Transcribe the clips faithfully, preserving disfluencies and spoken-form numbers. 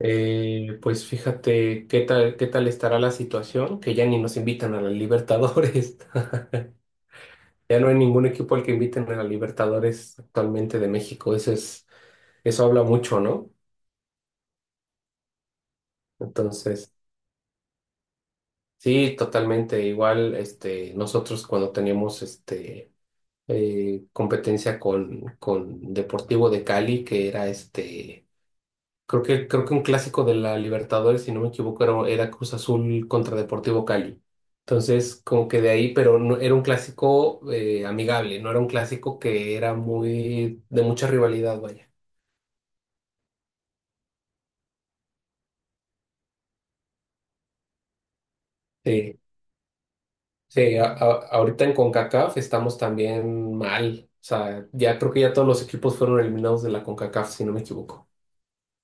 Eh, pues fíjate qué tal, qué tal estará la situación, que ya ni nos invitan a la Libertadores. Ya no hay ningún equipo al que inviten a la Libertadores actualmente de México. Eso es, eso habla mucho, ¿no? Entonces, sí, totalmente. Igual, este, nosotros cuando teníamos este eh, competencia con, con Deportivo de Cali, que era este. Creo que, creo que un clásico de la Libertadores, si no me equivoco, era, era Cruz Azul contra Deportivo Cali. Entonces, como que de ahí, pero no, era un clásico eh, amigable, no era un clásico que era muy de mucha rivalidad, vaya. Sí, sí, a- a- ahorita en CONCACAF estamos también mal. O sea, ya creo que ya todos los equipos fueron eliminados de la CONCACAF, si no me equivoco. O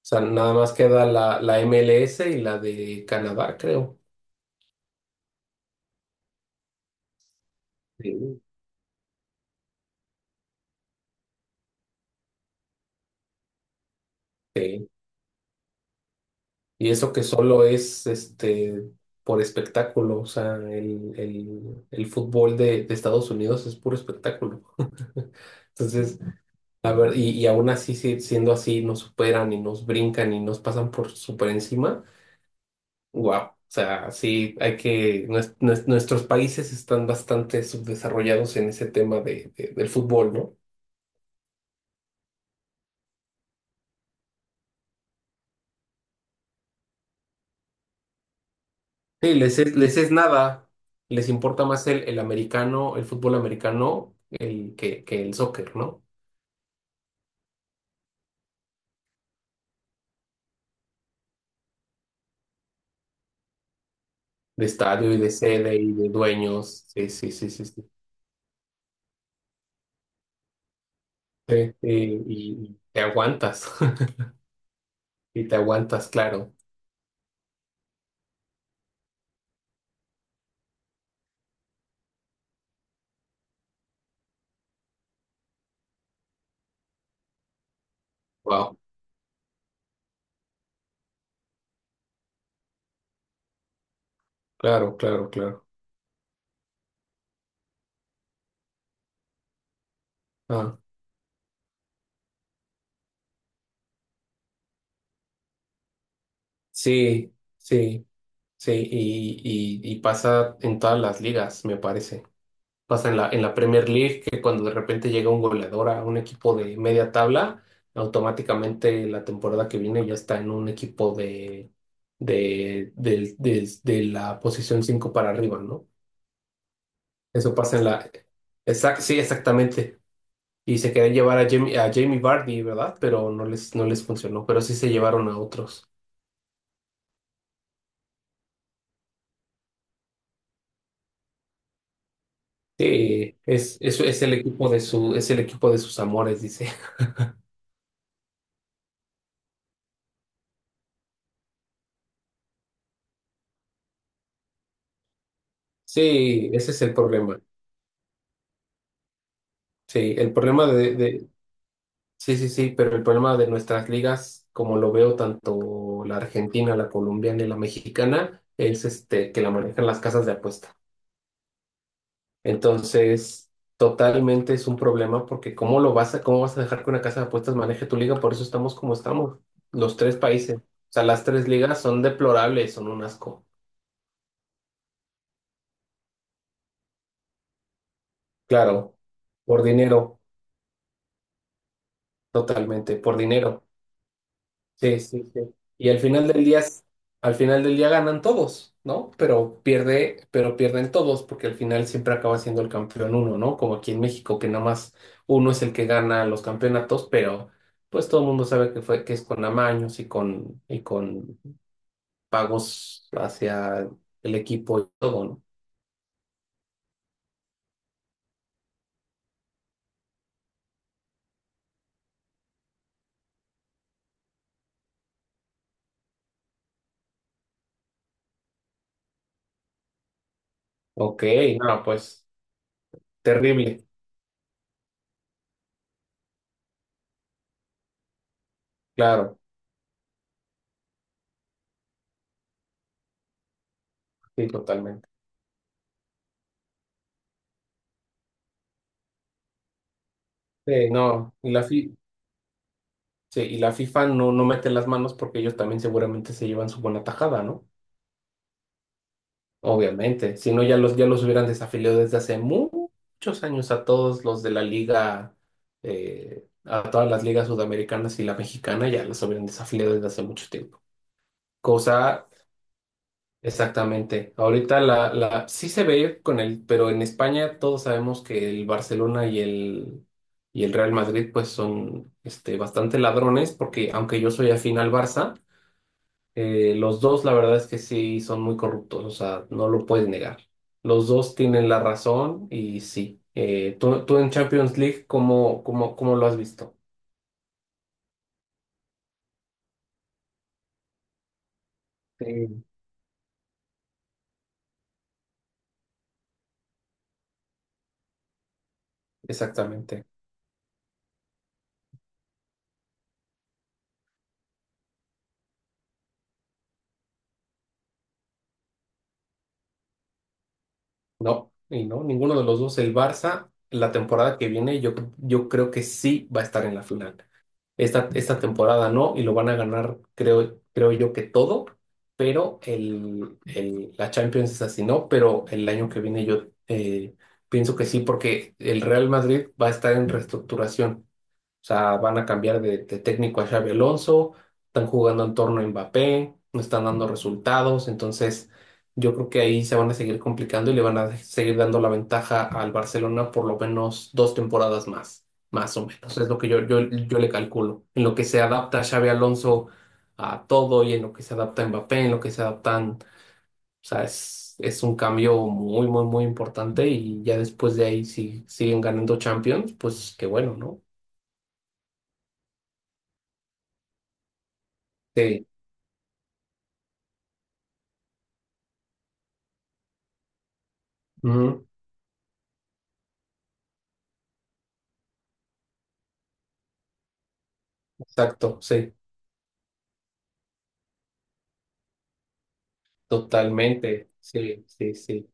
sea, nada más queda la, la M L S y la de Canadá, creo. Sí. Sí. Y eso que solo es este por espectáculo, o sea, el, el- el fútbol de, de Estados Unidos es puro espectáculo. Entonces, a ver, y, y aún así, si- siendo así, nos superan y nos brincan y nos pasan por super encima. Wow. O sea, sí, hay que, nues- nues- nuestros países están bastante subdesarrollados en ese tema de, de- del fútbol, ¿no? Sí, les es, les es nada, les importa más el, el americano, el fútbol americano, el, que, que el soccer, ¿no? De estadio y de sede y de dueños. Sí, sí, sí, sí, sí. Sí, sí, y y te aguantas. Y te aguantas, claro. Wow. Claro, claro, claro. Ah, sí, sí, sí. Y, y, y pasa en todas las ligas, me parece. Pasa en la, en la Premier League, que cuando de repente llega un goleador a un equipo de media tabla, automáticamente la temporada que viene ya está en un equipo de, de, del- des- de la posición cinco para arriba, ¿no? Eso pasa en la... Exact, sí, exactamente. Y se querían llevar a Jamie, a Jamie Vardy, ¿verdad? Pero no les, no les funcionó, pero sí se llevaron a otros. Sí, es, es, es el equipo de su, es el equipo de sus amores, dice. Sí, ese es el problema. Sí, el problema de, de- sí, sí, sí, pero el problema de nuestras ligas, como lo veo tanto la argentina, la colombiana y la mexicana, es este que la manejan las casas de apuesta. Entonces, totalmente es un problema porque ¿cómo lo vas a, cómo vas a dejar que una casa de apuestas maneje tu liga? Por eso estamos como estamos, los tres países. O sea, las tres ligas son deplorables, son un asco. Claro, por dinero, totalmente, por dinero. Sí, sí, sí. Y al final del día, al final del día ganan todos, ¿no? Pero pierde, pero pierden todos, porque al final siempre acaba siendo el campeón uno, ¿no? Como aquí en México, que nada más uno es el que gana los campeonatos, pero pues todo el mundo sabe que fue, que es con amaños y con, y con pagos hacia el equipo y todo, ¿no? Ok, no, pues terrible, claro, sí, totalmente. Sí, no, y la, fi- Sí, y la FIFA no, no mete las manos porque ellos también seguramente se llevan su buena tajada, ¿no? Obviamente. Si no, ya los, ya los hubieran desafiliado desde hace mu- muchos años a todos los de la liga, eh, a todas las ligas sudamericanas y la mexicana, ya los hubieran desafiliado desde hace mucho tiempo. Cosa, exactamente. Ahorita la, la, sí se ve con el, pero en España todos sabemos que el Barcelona y el, y el Real Madrid pues son este, bastante ladrones porque aunque yo soy afín al Barça. Eh, los dos, la verdad es que sí, son muy corruptos, o sea, no lo puedes negar. Los dos tienen la razón y sí. Eh, tú, tú en Champions League, ¿cómo, cómo, cómo lo has visto? Sí. Exactamente. No, y no, ninguno de los dos. El Barça, la temporada que viene, yo, yo creo que sí va a estar en la final. Esta, esta temporada no, y lo van a ganar, creo, creo yo que todo, pero el, el- la Champions es así, ¿no? Pero el año que viene yo eh, pienso que sí, porque el Real Madrid va a estar en reestructuración. O sea, van a cambiar de, de técnico a Xabi Alonso, están jugando en torno a Mbappé, no están dando resultados, entonces yo creo que ahí se van a seguir complicando y le van a seguir dando la ventaja al Barcelona por lo menos dos temporadas más, más o menos, es lo que yo, yo, yo le calculo. En lo que se adapta Xabi Alonso a todo y en lo que se adapta Mbappé, en lo que se adaptan, o sea, es, es un cambio muy, muy, muy importante y ya después de ahí si siguen ganando Champions, pues qué bueno, ¿no? Sí. Exacto, sí, totalmente, sí, sí, sí.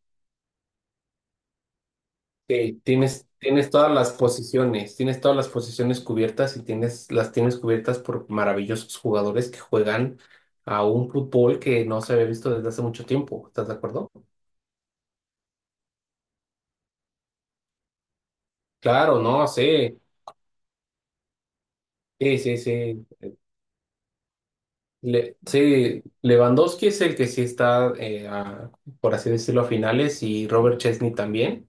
Sí, tienes, tienes todas las posiciones, tienes todas las posiciones cubiertas y tienes, las tienes cubiertas por maravillosos jugadores que juegan a un fútbol que no se había visto desde hace mucho tiempo, ¿estás de acuerdo? Claro, no, sí, sí, sí, sí. Le- sí, Lewandowski es el que sí está, eh, a- por así decirlo, a finales y Robert Chesney también.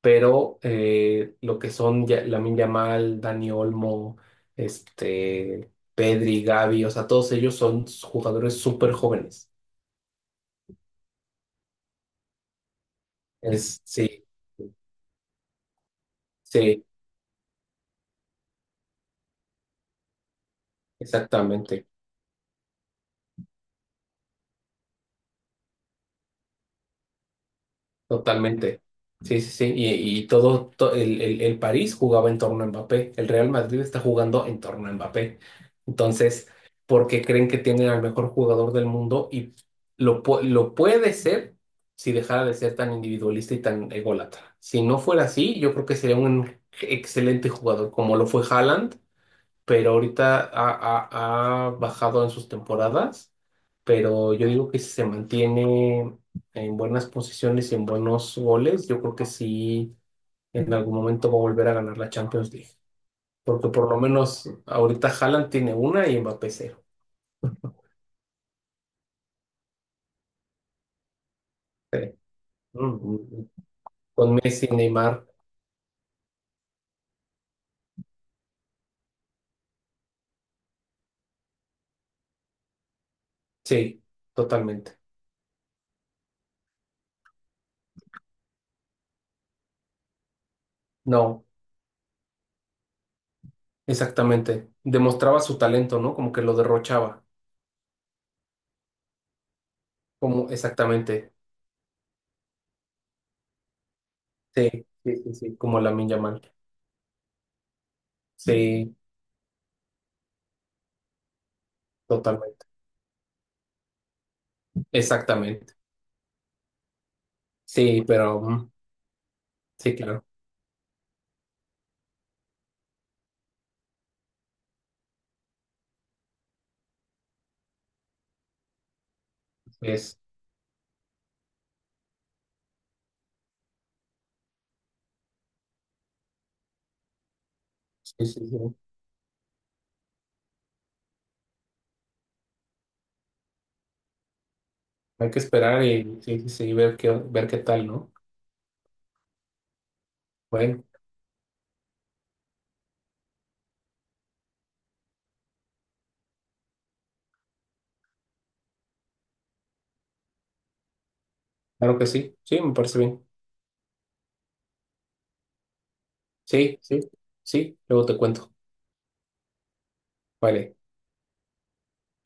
Pero eh, lo que son Ya- Lamine Yamal, Dani Olmo, este, Pedri, Gavi, o sea, todos ellos son jugadores súper jóvenes. Es, sí, sí, exactamente. Totalmente. Sí, sí, sí. Y, y todo, to- el, el- el París jugaba en torno a Mbappé. El Real Madrid está jugando en torno a Mbappé. Entonces, porque creen que tienen al mejor jugador del mundo y lo, pu- lo puede ser si dejara de ser tan individualista y tan ególatra. Si no fuera así, yo creo que sería un excelente jugador, como lo fue Haaland, pero ahorita ha, ha- ha bajado en sus temporadas, pero yo digo que si se mantiene en buenas posiciones y en buenos goles, yo creo que sí en algún momento va a volver a ganar la Champions League, porque por lo menos ahorita Haaland tiene una y Mbappé cero. Sí. Mm, con Messi, Neymar, sí, totalmente. No, exactamente. Demostraba su talento, ¿no? Como que lo derrochaba. Como exactamente. Sí, sí, sí, sí. Como Lamine Yamal. Sí. Totalmente. Exactamente. Sí, pero mm, sí, claro. Es, sí, sí, sí. Hay que esperar y sí, sí, sí, ver qué, ver qué tal, ¿no? Bueno, claro que sí. Sí, me parece bien. Sí, sí, sí. Luego te cuento. Vale.